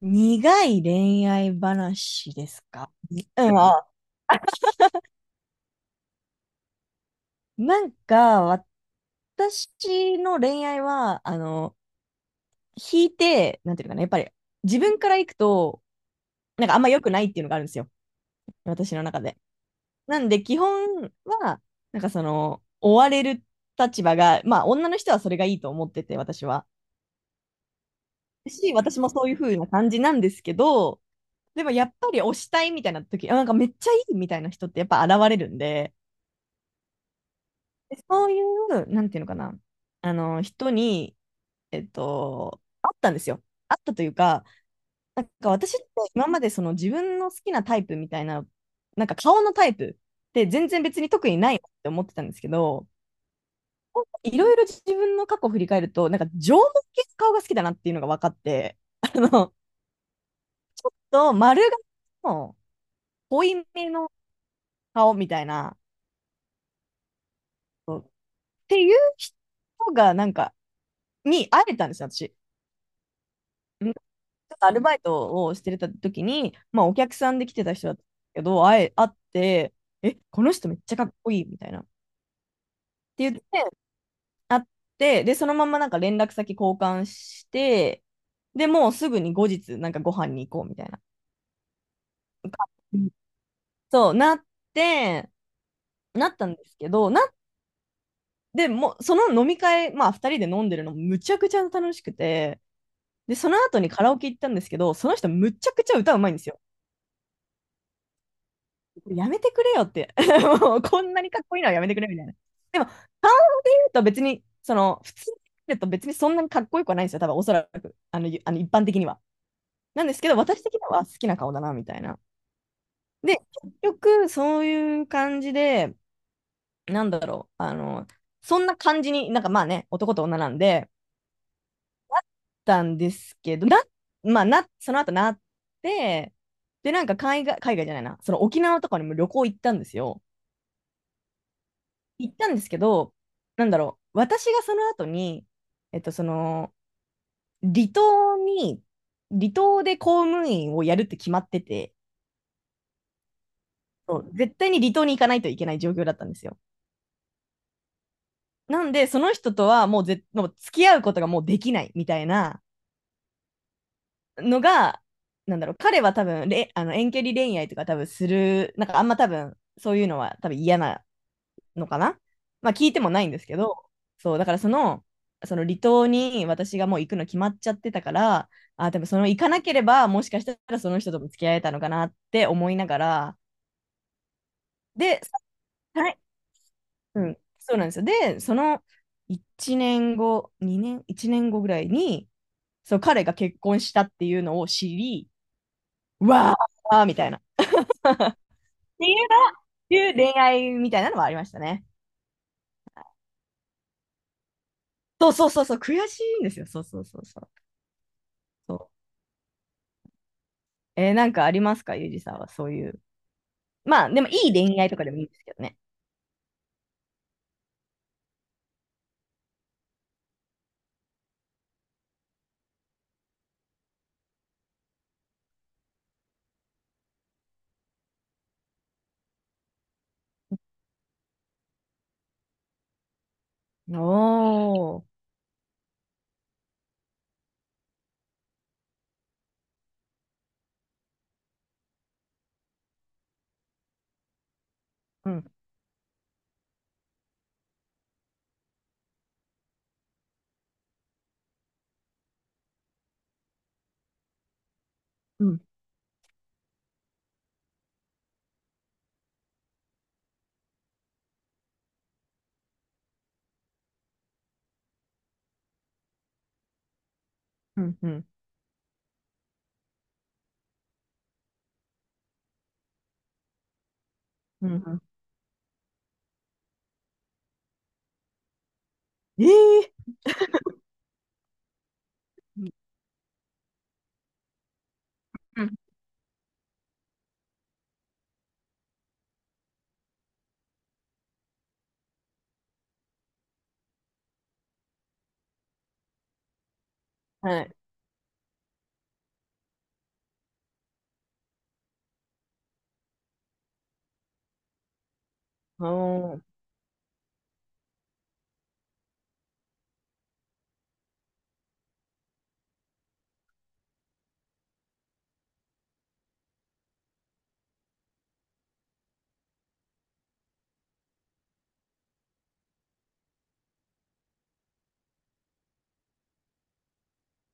苦い恋愛話ですかにうん、んあ、なんか、私の恋愛は、引いて、なんていうのかな、やっぱり自分から行くと、なんかあんま良くないっていうのがあるんですよ。私の中で。なんで、基本は、なんか追われる立場が、まあ、女の人はそれがいいと思ってて、私は。私もそういう風な感じなんですけど、でもやっぱり推したいみたいな時、なんかめっちゃいいみたいな人ってやっぱ現れるんで、でそういう、なんていうのかな、人に、あったんですよ。あったというか、なんか私って今までその自分の好きなタイプみたいな、なんか顔のタイプって全然別に特にないなって思ってたんですけど、いろいろ自分の過去を振り返ると、なんか縄文系の顔が好きだなっていうのが分かって、あの、丸顔の濃いめの顔みたいな、そうっていう人がなんか、に会えたんですよ、私。ちょっとアルバイトをしてた時に、まあ、お客さんで来てた人だったけど、会って、え、この人めっちゃかっこいいみたいな。って言って、会って、で、そのままなんか連絡先交換して、で、もうすぐに後日、なんかご飯に行こうみたいな。うんそう、なって、なったんですけど、でもう、その飲み会、まあ、2人で飲んでるのむちゃくちゃ楽しくて、で、その後にカラオケ行ったんですけど、その人むちゃくちゃ歌うまいんですよ。やめてくれよって。もうこんなにかっこいいのはやめてくれみたいな。でも、考えると別に、その、普通に考えると別にそんなにかっこよくはないんですよ。多分、おそらく、あの、一般的には。なんですけど、私的には好きな顔だな、みたいな。で、結局、そういう感じで、なんだろう、あの、そんな感じに、なんかまあね、男と女なんで、たんですけど、な、まあな、その後なって、で、なんか海外、海外じゃないな、その沖縄とかにも旅行行ったんですよ。行ったんですけど、なんだろう、私がその後に、その、離島に、離島で公務員をやるって決まってて、そう絶対に離島に行かないといけない状況だったんですよ。なんで、その人とはもう付き合うことがもうできないみたいなのが、なんだろう、彼は多分れ、あの遠距離恋愛とか多分する、なんかあんま多分、そういうのは多分嫌なのかな、まあ聞いてもないんですけど、そう、だからその、その離島に私がもう行くの決まっちゃってたから、あ、でもその行かなければ、もしかしたらその人とも付き合えたのかなって思いながら、で、はい、うん、そうなんですよ。で、その1年後、2年、1年後ぐらいに、そう彼が結婚したっていうのを知り、うわーみたいな。っていう恋愛みたいなのはありましたね。そうそうそうそう、悔しいんですよ。そうそうそうそう。そう、なんかありますか、ゆうじさんは、そういう。まあ、でも、いい恋愛とかでもいいんですけどね。おー。うん、うん、うん、うん、うん。うん、えー、はい。おー。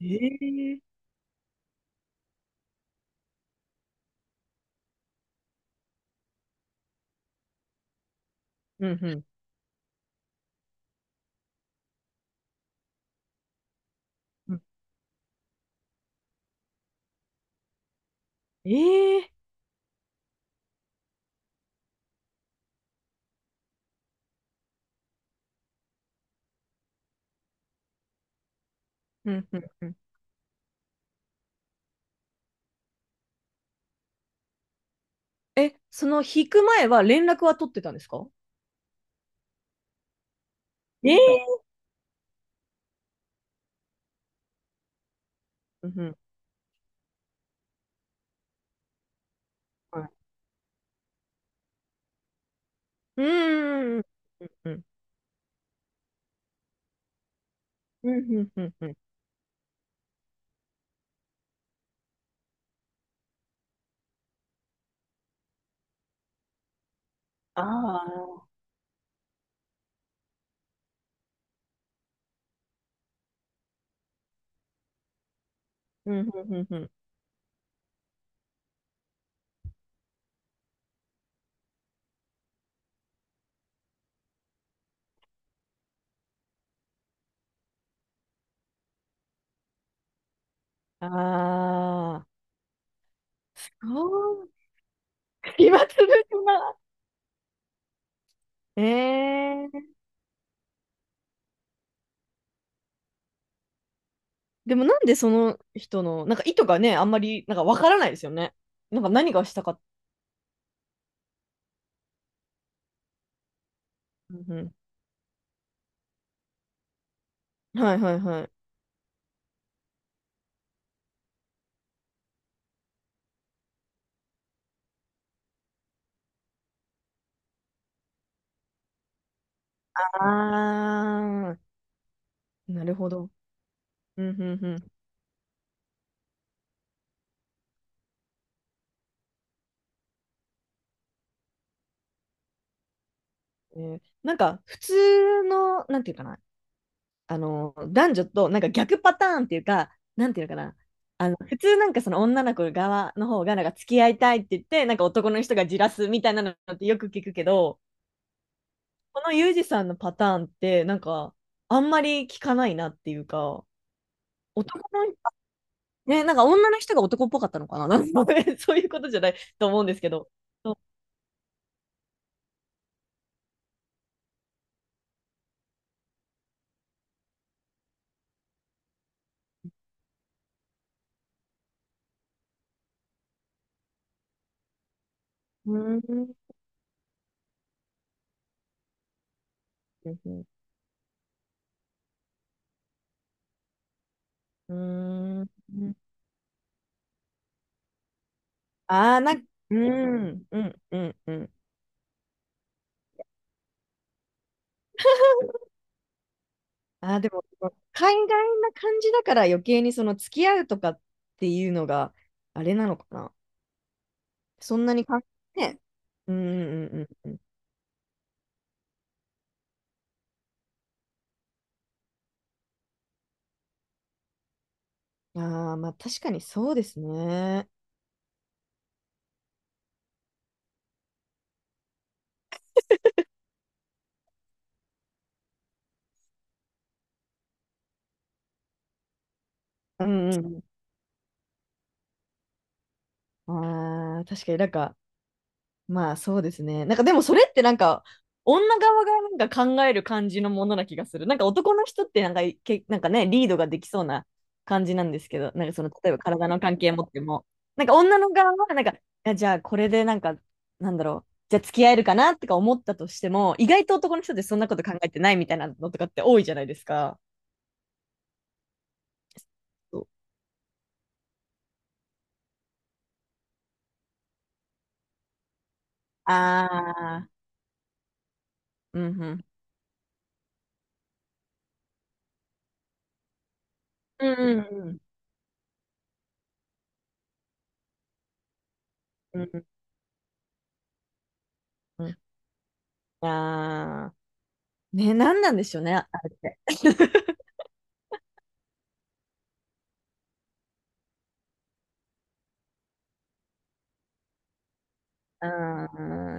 えー、うん、うん、うん。えー。うん、うん、うん。え、その引く前は連絡は取ってたんですか？えー、うん、うん、はい。うーん。うん、うん、うん、うん、うん。うん、ああ、うん、うん、うん、うん。ああ。そう、暇つぶしな。えー、でもなんでその人の、なんか意図がね、あんまり、なんかわからないですよね。なんか何がしたかっうんうん。はいはいはい。あー、なるほど。うんうんうん。えー、なんか普通の、なんていうかな、男女となんか逆パターンっていうか、なんていうのかな、普通なんかその女の子側の方がなんか付き合いたいって言って、なんか男の人がじらすみたいなのってよく聞くけど、このユージさんのパターンって、なんかあんまり聞かないなっていうか、男のね、なんか女の人が男っぽかったのかな なんかね そういうことじゃないと思うんですけど。そう、うーん。うーん。ああ、うん、うん、うん、うん。ああ、でも、海外な感じだから余計にその付き合うとかっていうのが、あれなのかな。そんなにか、ね。うん、うん、うん、うん。ああ、まあ確かにそうですね。うん、うん。ああ、確かになんか、まあそうですね。なんかでもそれってなんか女側がなんか考える感じのものな気がする。なんか男の人ってなんかいけなんかね、リードができそうな感じなんですけど、なんかその例えば体の関係持っても、なんか女の側はなんか、いやじゃあこれでなんか、なんだろう、じゃあ付き合えるかなとか思ったとしても、意外と男の人ってそんなこと考えてないみたいなのとかって多いじゃないですか。そう、ああ、うんうん。うんうんうん。うんうんうん。ああ、ね、なんなんでしょうね、あれって。あ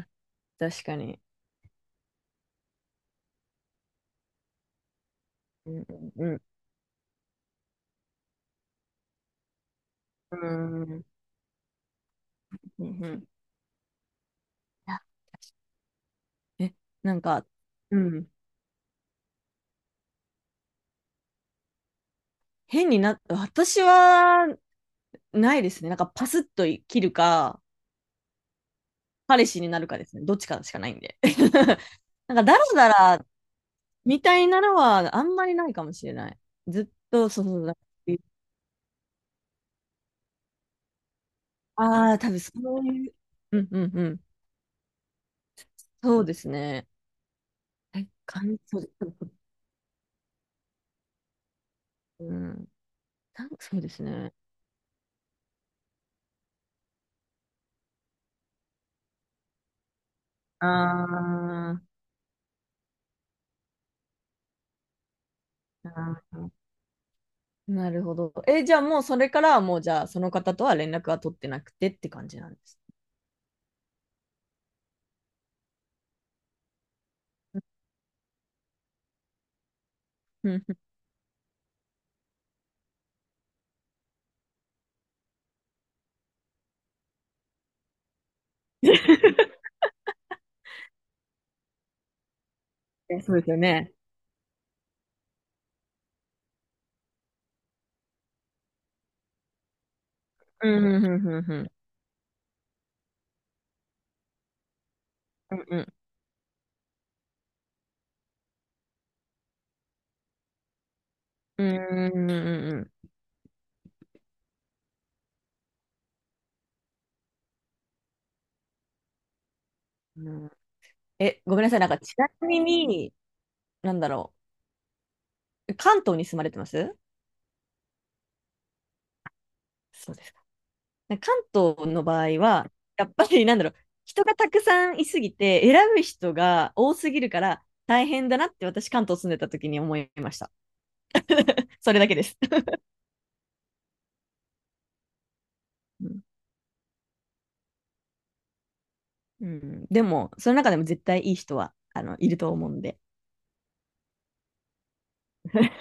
あ、確かに。うん、うん、うん、うん、うん、うん、え、なんか、うん、変にな、私はないですね。なんかパスッと切るか、彼氏になるかですね。どっちかしかないんで。なんか、だらだらみたいなのはあんまりないかもしれない。ずっと、そうそう、なんか、ああ多分そういう、うんうんうん、そうですね。そうです。うん、そうですね。ああ。あー、なるほど。え、じゃあもうそれからはもうじゃあその方とは連絡は取ってなくてって感じなんです？うんうん。え、そうですよね。うんうんうんうんうんうんうんうんうんうん、うん、え、ごめんなさい。なんか、ちなみに、なんだろう。関東に住まれてます？そうですか。なんか関東の場合は、やっぱり、なんだろう。人がたくさんいすぎて、選ぶ人が多すぎるから、大変だなって私、関東住んでた時に思いました。それだけです。うん、でも、その中でも絶対いい人はあのいると思うんで。